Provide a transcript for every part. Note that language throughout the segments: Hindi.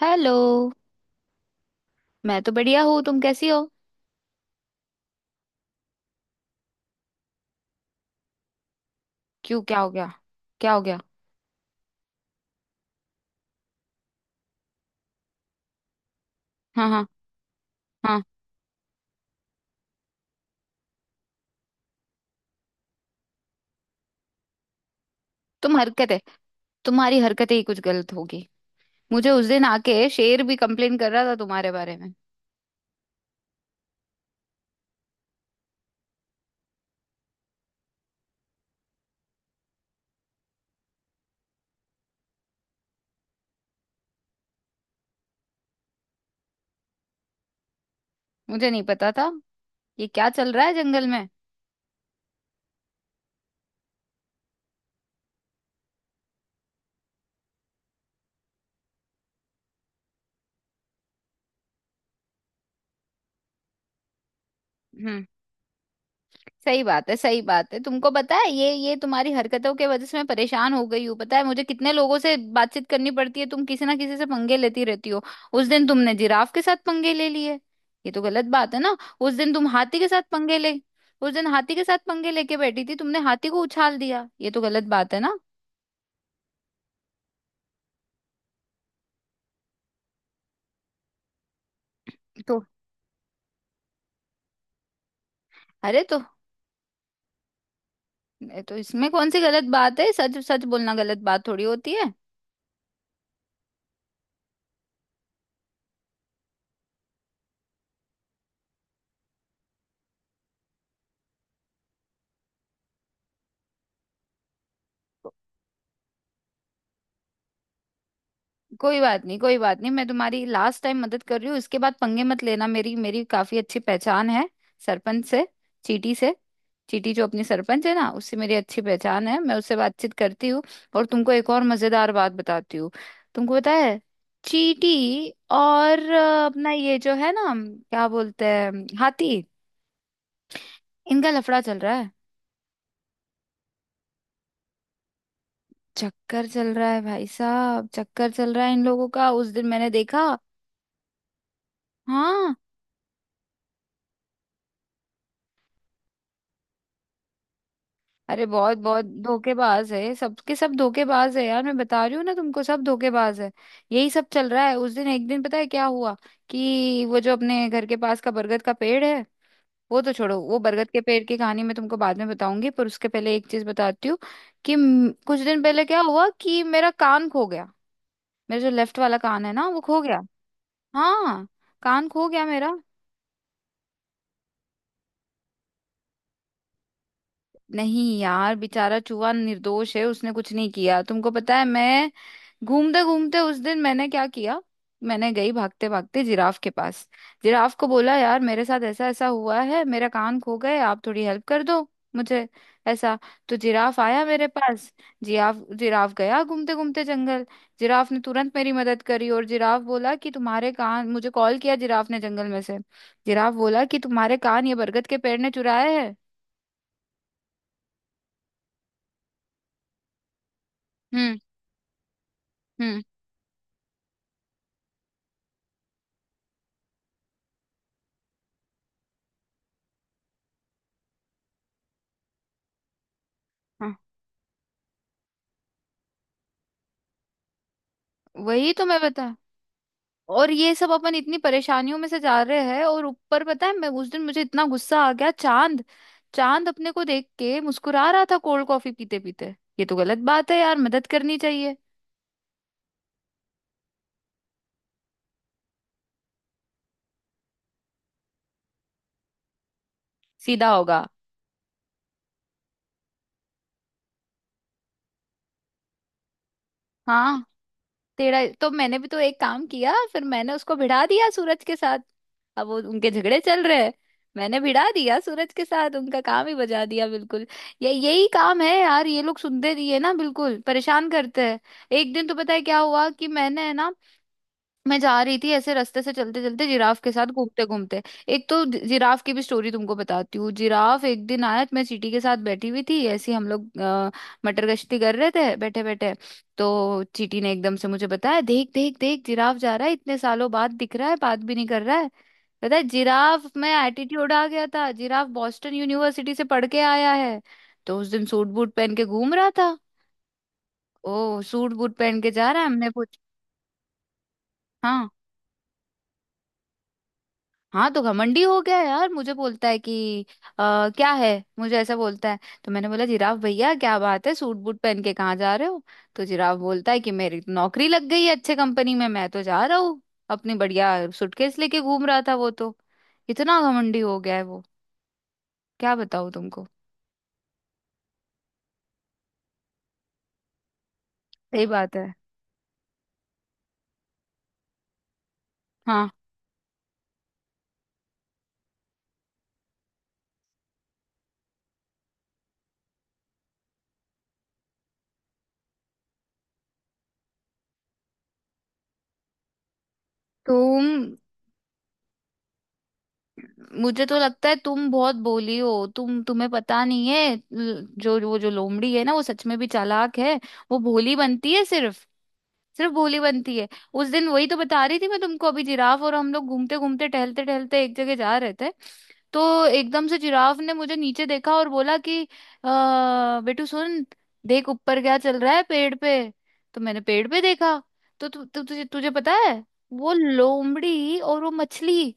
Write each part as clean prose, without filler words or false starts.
हेलो। मैं तो बढ़िया हूँ। तुम कैसी हो? क्यों, क्या हो गया? क्या हो गया? हाँ हाँ। हाँ। तुम हरकत है। तुम्हारी हरकतें ही कुछ गलत होगी। मुझे उस दिन आके शेर भी कंप्लेन कर रहा था तुम्हारे बारे में। मुझे नहीं पता था। ये क्या चल रहा है जंगल में? हम्म। सही बात है। सही बात है। तुमको पता है, ये तुम्हारी हरकतों के वजह से मैं परेशान हो गई हूँ। पता है मुझे कितने लोगों से बातचीत करनी पड़ती है? तुम किसी ना किसी से पंगे लेती रहती हो। उस दिन तुमने जिराफ के साथ पंगे ले लिए, ये तो गलत बात है ना? उस दिन तुम हाथी के साथ पंगे ले। उस दिन हाथी के साथ पंगे लेके बैठी थी, तुमने हाथी को उछाल दिया, ये तो गलत बात है ना? तो, अरे तो इसमें कौन सी गलत बात है? सच सच बोलना गलत बात थोड़ी होती है। कोई बात नहीं। कोई बात नहीं। मैं तुम्हारी लास्ट टाइम मदद कर रही हूँ, इसके बाद पंगे मत लेना। मेरी मेरी काफी अच्छी पहचान है सरपंच से, चीटी से। चीटी जो अपनी सरपंच है ना, उससे मेरी अच्छी पहचान है, मैं उससे बातचीत करती हूँ। और तुमको एक और मजेदार बात बताती हूँ। तुमको पता है, चीटी और अपना ये जो है ना, क्या बोलते हैं, हाथी, इनका लफड़ा चल रहा है। चक्कर चल रहा है भाई साहब, चक्कर चल रहा है इन लोगों का, उस दिन मैंने देखा। हाँ। अरे बहुत बहुत धोखेबाज है, सबके सब धोखेबाज है यार, मैं बता रही हूँ ना तुमको, सब धोखेबाज है। यही सब चल रहा है। उस दिन, एक दिन, पता है क्या हुआ कि वो जो अपने घर के पास का बरगद का पेड़ है, वो तो छोड़ो, वो बरगद के पेड़ की कहानी मैं तुमको बाद में बताऊंगी, पर उसके पहले एक चीज बताती हूँ कि कुछ दिन पहले क्या हुआ कि मेरा कान खो गया। मेरा जो लेफ्ट वाला कान है ना, वो खो गया। हाँ। कान खो गया मेरा। नहीं यार, बेचारा चूहा निर्दोष है, उसने कुछ नहीं किया। तुमको पता है, मैं घूमते घूमते उस दिन मैंने क्या किया, मैंने गई भागते भागते जिराफ के पास, जिराफ को बोला यार मेरे साथ ऐसा ऐसा हुआ है, मेरा कान खो गए, आप थोड़ी हेल्प कर दो मुझे ऐसा। तो जिराफ आया मेरे पास। जिराफ जिराफ गया घूमते घूमते जंगल। जिराफ ने तुरंत मेरी मदद करी, और जिराफ बोला कि तुम्हारे कान। मुझे कॉल किया जिराफ ने जंगल में से। जिराफ बोला कि तुम्हारे कान ये बरगद के पेड़ ने चुराए हैं। हम्म। हम्म। हाँ। वही तो मैं बता। और ये सब अपन इतनी परेशानियों में से जा रहे हैं, और ऊपर पता है, मैं उस दिन मुझे इतना गुस्सा आ गया, चांद, चांद अपने को देख के मुस्कुरा रहा था कोल्ड कॉफी पीते पीते, ये तो गलत बात है यार, मदद करनी चाहिए। सीधा होगा। हाँ। तेरा तो मैंने भी तो एक काम किया, फिर मैंने उसको भिड़ा दिया सूरज के साथ, अब वो उनके झगड़े चल रहे हैं। मैंने भिड़ा दिया सूरज के साथ, उनका काम ही बजा दिया बिल्कुल। ये यही काम है यार, ये लोग सुनते नहीं है ना, बिल्कुल परेशान करते हैं। एक दिन तो पता है क्या हुआ कि मैंने है ना, मैं जा रही थी ऐसे रास्ते से चलते चलते, जिराफ के साथ घूमते घूमते। एक तो जिराफ की भी स्टोरी तुमको बताती हूँ। जिराफ एक दिन आया, तो मैं चींटी के साथ बैठी हुई थी, ऐसे ही हम लोग मटर गश्ती कर रहे थे बैठे बैठे। तो चींटी ने एकदम से मुझे बताया, देख देख देख, जिराफ जा रहा है, इतने सालों बाद दिख रहा है, बात भी नहीं कर रहा है। पता है, जिराफ में एटीट्यूड आ गया था, जिराफ बॉस्टन यूनिवर्सिटी से पढ़ के आया है, तो उस दिन सूट बूट पहन के घूम रहा था। ओ सूट बूट पहन के जा रहा है, हमने पूछ। हाँ। हाँ तो घमंडी हो गया यार, मुझे बोलता है कि क्या है, मुझे ऐसा बोलता है। तो मैंने बोला जिराफ भैया क्या बात है, सूट बूट पहन के कहाँ जा रहे हो? तो जिराफ बोलता है कि मेरी तो नौकरी लग गई है अच्छे कंपनी में, मैं तो जा रहा हूँ। अपनी बढ़िया सूटकेस लेके घूम रहा था वो तो। इतना घमंडी हो गया है वो, क्या बताऊँ तुमको। सही बात है। हाँ। तुम मुझे तो लगता है तुम बहुत बोली हो। तुम्हें पता नहीं है, जो वो जो लोमड़ी है ना, वो सच में भी चालाक है। वो भोली बनती है सिर्फ, सिर्फ बोली बनती है। उस दिन वही तो बता रही थी मैं तुमको, अभी जिराफ और हम लोग घूमते घूमते टहलते टहलते एक जगह जा रहे थे, तो एकदम से जिराफ ने मुझे नीचे देखा और बोला कि बेटू सुन, देख ऊपर क्या चल रहा है पेड़ पे। तो मैंने पेड़ पे देखा, तो तु, तु, तुझे तुझे पता है, वो लोमड़ी और वो मछली,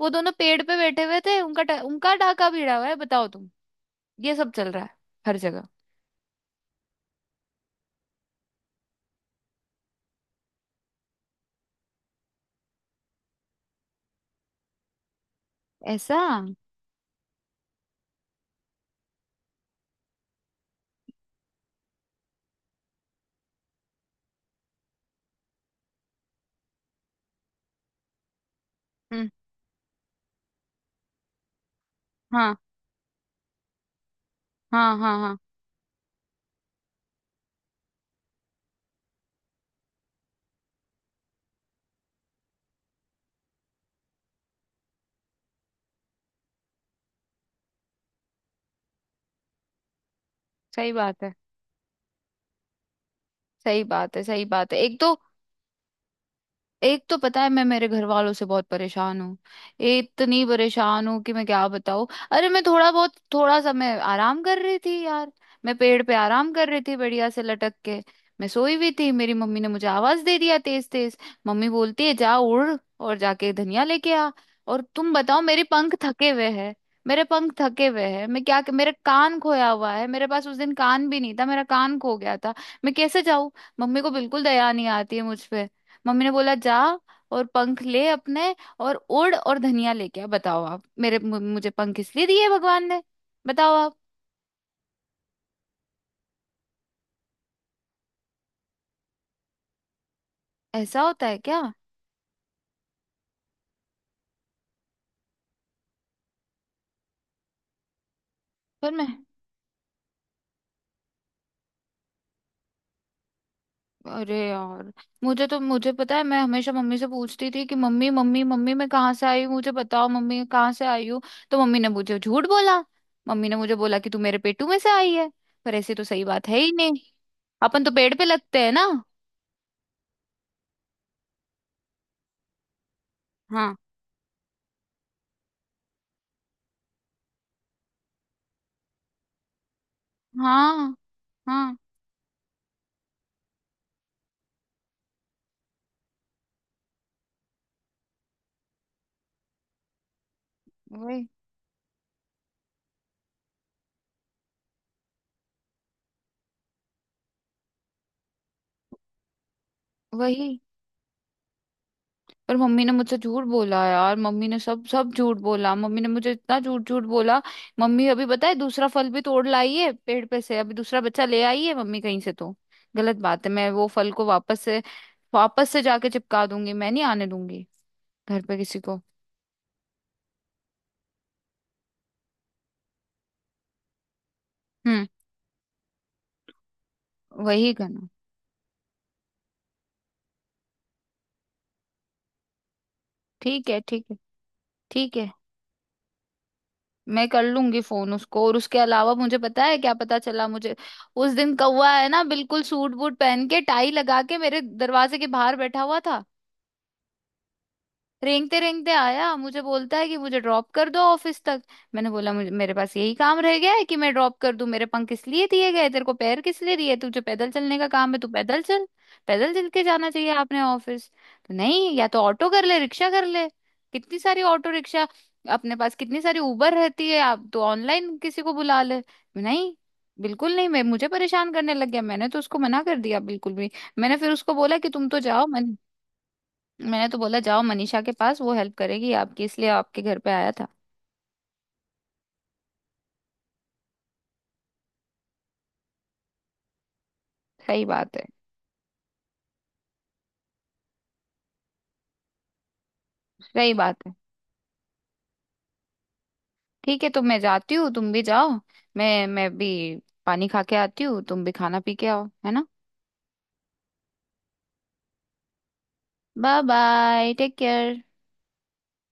वो दोनों पेड़ पे बैठे हुए थे, उनका उनका डाका भिड़ा हुआ है, बताओ तुम। ये सब चल रहा है हर जगह। ऐसा। हम्म। हाँ हाँ हाँ। हाँ। सही बात है। सही बात है। सही बात है। एक तो, एक तो पता है मैं मेरे घर वालों से बहुत परेशान हूँ, इतनी परेशान हूँ कि मैं क्या बताऊँ। अरे मैं थोड़ा बहुत, थोड़ा सा मैं आराम कर रही थी यार, मैं पेड़ पे आराम कर रही थी बढ़िया से लटक के। मैं सोई हुई थी, मेरी मम्मी ने मुझे आवाज दे दिया तेज तेज। मम्मी बोलती है जा उड़ और जाके धनिया लेके आ। और तुम बताओ, मेरे पंख थके हुए हैं, मेरे पंख थके हुए हैं, मैं क्या, मेरे कान खोया हुआ है, मेरे पास उस दिन कान भी नहीं था, मेरा कान खो गया था। मैं कैसे जाऊँ? मम्मी को बिल्कुल दया नहीं आती है मुझ पे। मम्मी ने बोला जा, और पंख ले अपने और उड़ और धनिया लेके आ। बताओ आप, मेरे मुझे पंख इसलिए दिए भगवान ने? बताओ आप। ऐसा होता है क्या? पर मैं अरे यार, मुझे पता है, मैं हमेशा मम्मी से पूछती थी कि मम्मी मम्मी मम्मी मैं कहाँ से आई हूँ, मुझे बताओ मम्मी कहाँ से आई हूँ। तो मम्मी ने मुझे झूठ बोला। मम्मी ने मुझे बोला कि तू मेरे पेटू में से आई है। पर ऐसी तो सही बात है ही नहीं, अपन तो पेड़ पे लगते हैं ना। हाँ हाँ हाँ। वही। वही। पर मम्मी ने मुझसे झूठ बोला यार, मम्मी ने सब सब झूठ बोला, मम्मी ने मुझे इतना झूठ झूठ बोला। मम्मी अभी पता है, दूसरा फल भी तोड़ लाई है पेड़ पे से, अभी दूसरा बच्चा ले आई है मम्मी कहीं से, तो गलत बात है। मैं वो फल को वापस से जाके चिपका दूंगी, मैं नहीं आने दूंगी घर पे किसी को। हम्म। वही करना। ठीक है। ठीक है। ठीक है। मैं कर लूंगी फोन उसको। और उसके अलावा मुझे पता है, क्या पता चला मुझे। उस दिन कौवा है ना, बिल्कुल सूट बूट पहन के, टाई लगा के, मेरे दरवाजे के बाहर बैठा हुआ था, रेंगते रेंगते आया, मुझे बोलता है कि मुझे ड्रॉप कर दो ऑफिस तक। मैंने बोला मुझे मेरे पास यही काम रह गया है कि मैं ड्रॉप कर दूं? मेरे पंख किस लिए दिए गए, तेरे को पैर किस लिए दिए? तुझे पैदल चलने का काम है, तू पैदल चल। पैदल चल के जाना चाहिए आपने, ऑफिस तो नहीं, या तो ऑटो कर ले रिक्शा कर ले। कितनी सारी ऑटो रिक्शा, अपने पास कितनी सारी उबर रहती है, आप तो ऑनलाइन किसी को बुला ले। नहीं, बिल्कुल नहीं। मैं, मुझे परेशान करने लग गया, मैंने तो उसको मना कर दिया बिल्कुल भी। मैंने फिर उसको बोला कि तुम तो जाओ, मैं। मैंने तो बोला जाओ मनीषा के पास, वो हेल्प करेगी आपकी, इसलिए आपके घर पे आया था। सही बात है। सही बात है। ठीक है, तो मैं जाती हूँ, तुम भी जाओ। मैं भी पानी खा के आती हूँ, तुम भी खाना पी के आओ, है ना? Bye bye take care.